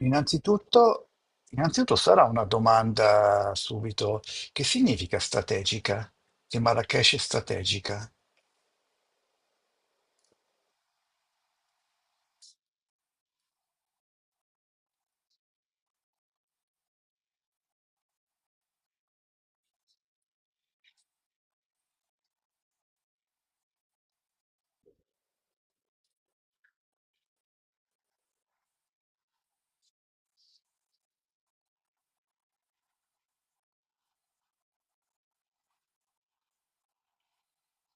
Innanzitutto, innanzitutto sarà una domanda subito. Che significa strategica? Che Marrakesh è strategica?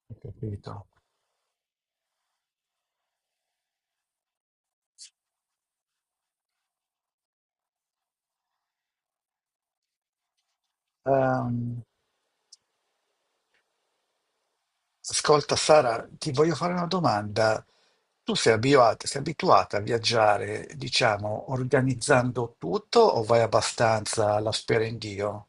Ho capito. Ehm, Ascolta Sara, ti voglio fare una domanda. Sei abituata a viaggiare, diciamo, organizzando tutto o vai abbastanza alla spera in Dio?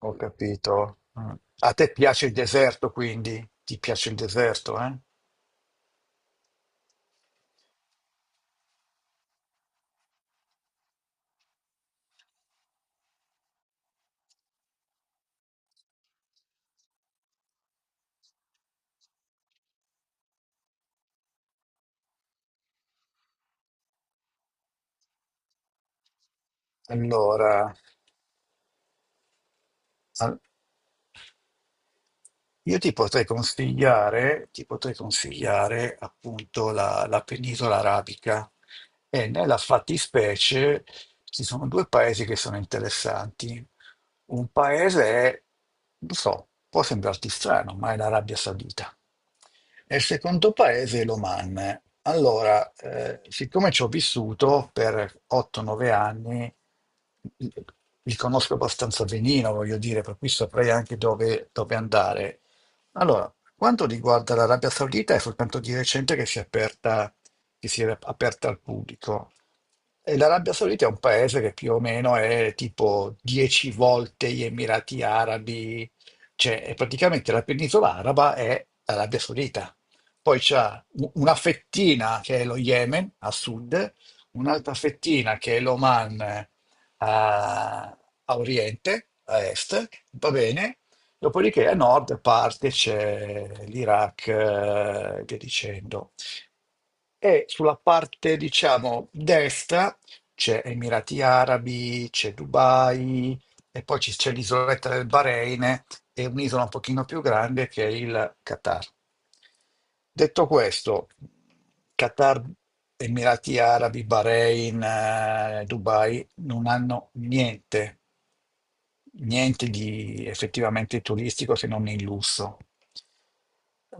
Ho capito. Mm. A te piace il deserto, quindi? Ti piace il deserto, eh? Allora, al- io ti potrei consigliare appunto la penisola arabica e nella fattispecie ci sono due paesi che sono interessanti. Un paese è, lo so, può sembrarti strano, ma è l'Arabia Saudita. E il secondo paese è l'Oman. Allora, siccome ci ho vissuto per 8-9 anni, li conosco abbastanza benino, voglio dire, per cui saprei anche dove andare. Allora, quanto riguarda l'Arabia Saudita, è soltanto di recente che si è aperta, che si era aperta al pubblico. E l'Arabia Saudita è un paese che più o meno è tipo 10 volte gli Emirati Arabi, cioè è praticamente la penisola araba è l'Arabia Saudita. Poi c'è una fettina che è lo Yemen a sud, un'altra fettina che è l'Oman, a, a oriente, a est, va bene. Dopodiché a nord parte c'è l'Iraq, e via dicendo e sulla parte, diciamo, destra c'è Emirati Arabi, c'è Dubai e poi c'è l'isoletta del Bahrain e un'isola un pochino più grande che è il Qatar. Detto questo, Qatar, Emirati Arabi, Bahrain, Dubai non hanno niente di effettivamente turistico se non il lusso.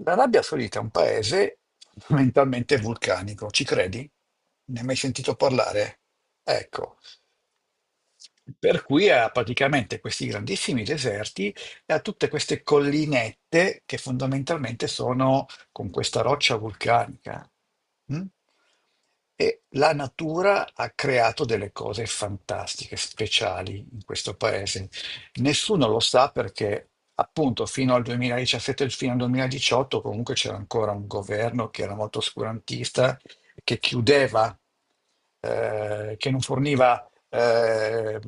L'Arabia Saudita è un paese fondamentalmente vulcanico, ci credi? Ne hai mai sentito parlare? Ecco. Per cui ha praticamente questi grandissimi deserti e ha tutte queste collinette che fondamentalmente sono con questa roccia vulcanica. Mm? E la natura ha creato delle cose fantastiche, speciali in questo paese. Nessuno lo sa perché appunto fino al 2017 e fino al 2018 comunque c'era ancora un governo che era molto oscurantista, che chiudeva, che non forniva eh,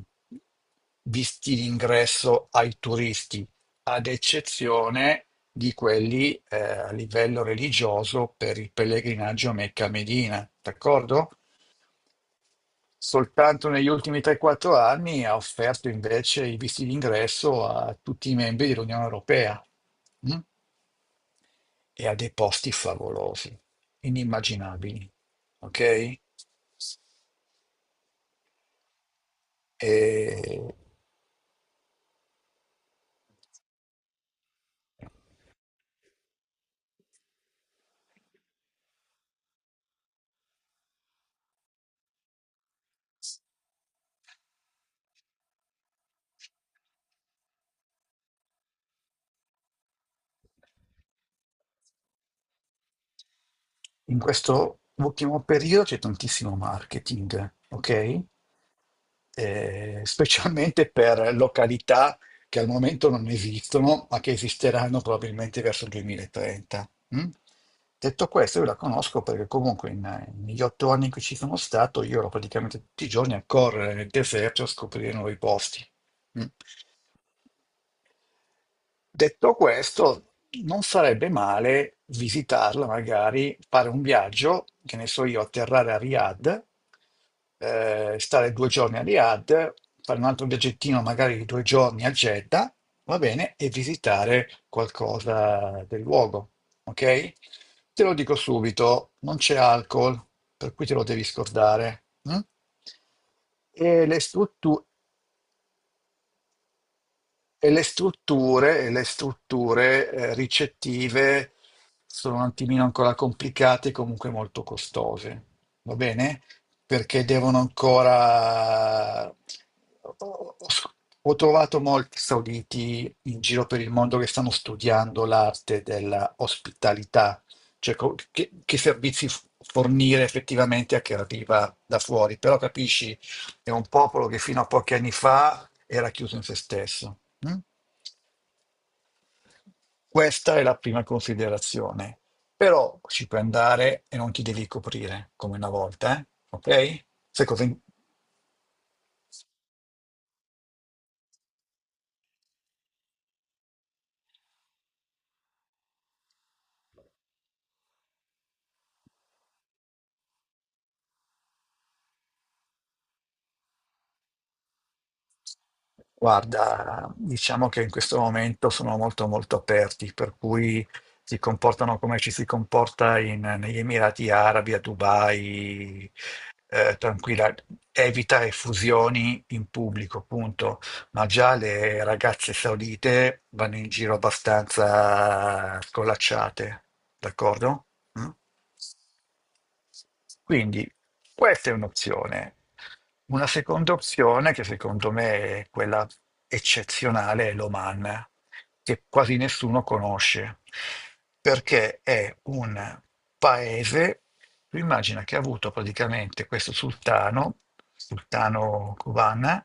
visti d'ingresso ai turisti, ad eccezione di quelli a livello religioso per il pellegrinaggio a Mecca e Medina, d'accordo? Soltanto negli ultimi 3-4 anni ha offerto invece i visti d'ingresso a tutti i membri dell'Unione Europea mm? e a dei posti favolosi, inimmaginabili, ok? E, in questo ultimo periodo c'è tantissimo marketing, ok? Specialmente per località che al momento non esistono, ma che esisteranno probabilmente verso il 2030. Mm? Detto questo, io la conosco perché comunque negli 8 anni in cui ci sono stato, io ero praticamente tutti i giorni a correre nel deserto a scoprire nuovi posti. Mm? Detto questo, non sarebbe male visitarla, magari fare un viaggio, che ne so io, atterrare a Riyadh, stare 2 giorni a Riyadh, fare un altro viaggettino magari di 2 giorni a Jeddah, va bene, e visitare qualcosa del luogo, ok? Te lo dico subito, non c'è alcol, per cui te lo devi scordare. Mm? E le strutture. E le strutture ricettive sono un attimino ancora complicate e comunque molto costose, va bene? Perché devono ancora... Ho ho- ho trovato molti sauditi in giro per il mondo che stanno studiando l'arte della ospitalità, cioè che servizi fornire effettivamente a chi arriva da fuori. Però capisci, è un popolo che fino a pochi anni fa era chiuso in se stesso. Mm? Questa è la prima considerazione. Però ci puoi andare e non ti devi coprire come una volta, eh? Ok? Sai cosa? Guarda diciamo che in questo momento sono molto molto aperti, per cui si comportano come ci si comporta negli Emirati Arabi, a Dubai, tranquilla, evita effusioni in pubblico, punto. Ma già le ragazze saudite vanno in giro abbastanza scolacciate, d'accordo? Mm? Quindi questa è un'opzione. Una seconda opzione, che secondo me è quella eccezionale, è l'Oman, che quasi nessuno conosce, perché è un paese, tu immagina che ha avuto praticamente questo sultano, sultano Kuban,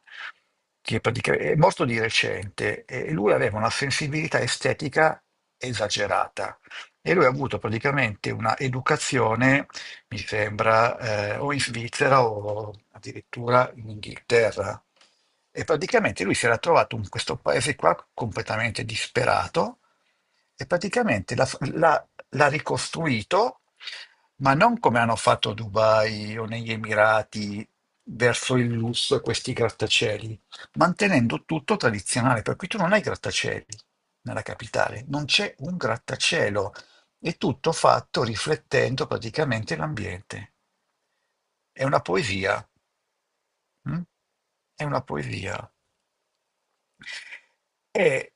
che è morto di recente, e lui aveva una sensibilità estetica esagerata e lui ha avuto praticamente un'educazione mi sembra, o in Svizzera o addirittura in Inghilterra. E praticamente lui si era trovato in questo paese qua completamente disperato e praticamente l'ha ricostruito, ma non come hanno fatto a Dubai o negli Emirati verso il lusso e questi grattacieli, mantenendo tutto tradizionale. Per cui tu non hai grattacieli nella capitale, non c'è un grattacielo, è tutto fatto riflettendo praticamente l'ambiente. È una poesia. Mm? È una poesia. E,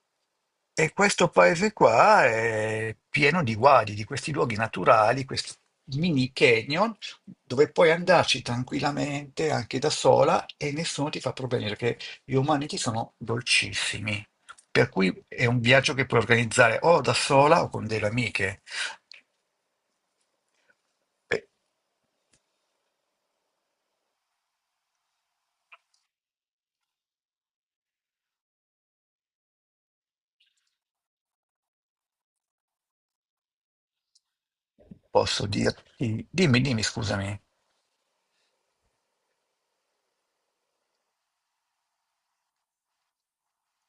e questo paese qua è pieno di guadi, di questi luoghi naturali, questi mini canyon, dove puoi andarci tranquillamente anche da sola e nessuno ti fa problemi perché gli umaniti sono dolcissimi. Per cui è un viaggio che puoi organizzare o da sola o con delle amiche. E posso dirti, dimmi, dimmi, scusami,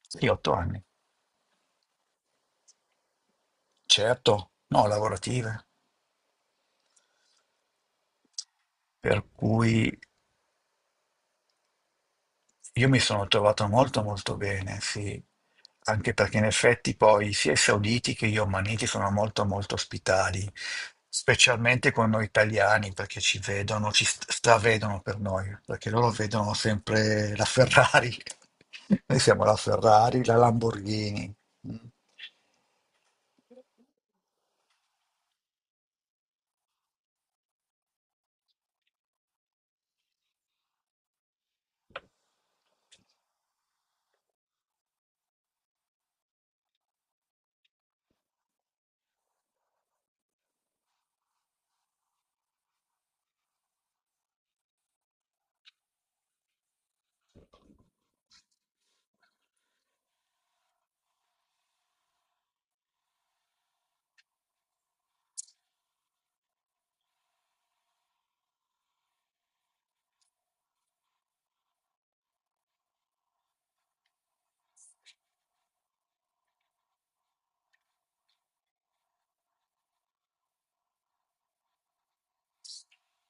sì, 8 anni, certo, no, lavorative. Per cui io mi sono trovato molto molto bene, sì, anche perché in effetti poi sia i sauditi che gli omaniti sono molto molto ospitali, specialmente con noi italiani, perché ci vedono, ci stravedono per noi, perché loro vedono sempre la Ferrari, noi siamo la Ferrari, la Lamborghini. Mm.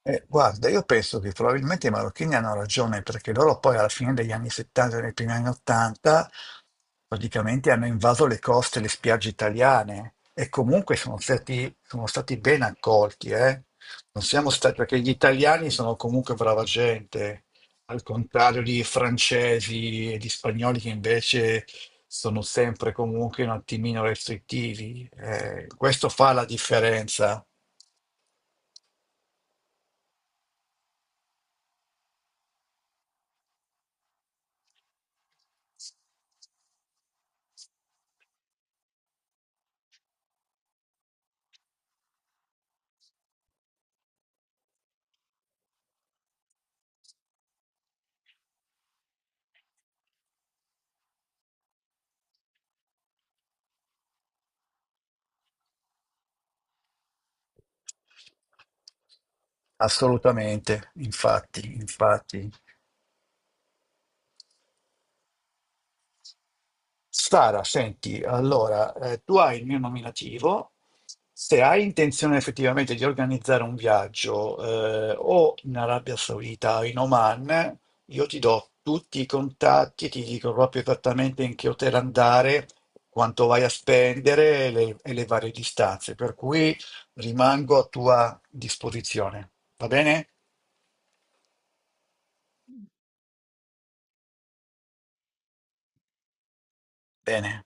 Guarda, io penso che probabilmente i marocchini hanno ragione perché loro poi alla fine degli anni 70 e nei primi anni 80 praticamente hanno invaso le coste e le spiagge italiane e comunque sono stati ben accolti, eh. Non siamo stati, perché gli italiani sono comunque brava gente, al contrario di francesi e di spagnoli che invece sono sempre comunque un attimino restrittivi. Questo fa la differenza. Assolutamente, infatti, infatti. Sara, senti, allora, tu hai il mio nominativo, se hai intenzione effettivamente di organizzare un viaggio o in Arabia Saudita o in Oman, io ti do tutti i contatti, ti dico proprio esattamente in che hotel andare, quanto vai a spendere e le varie distanze, per cui rimango a tua disposizione. Va bene? Bene.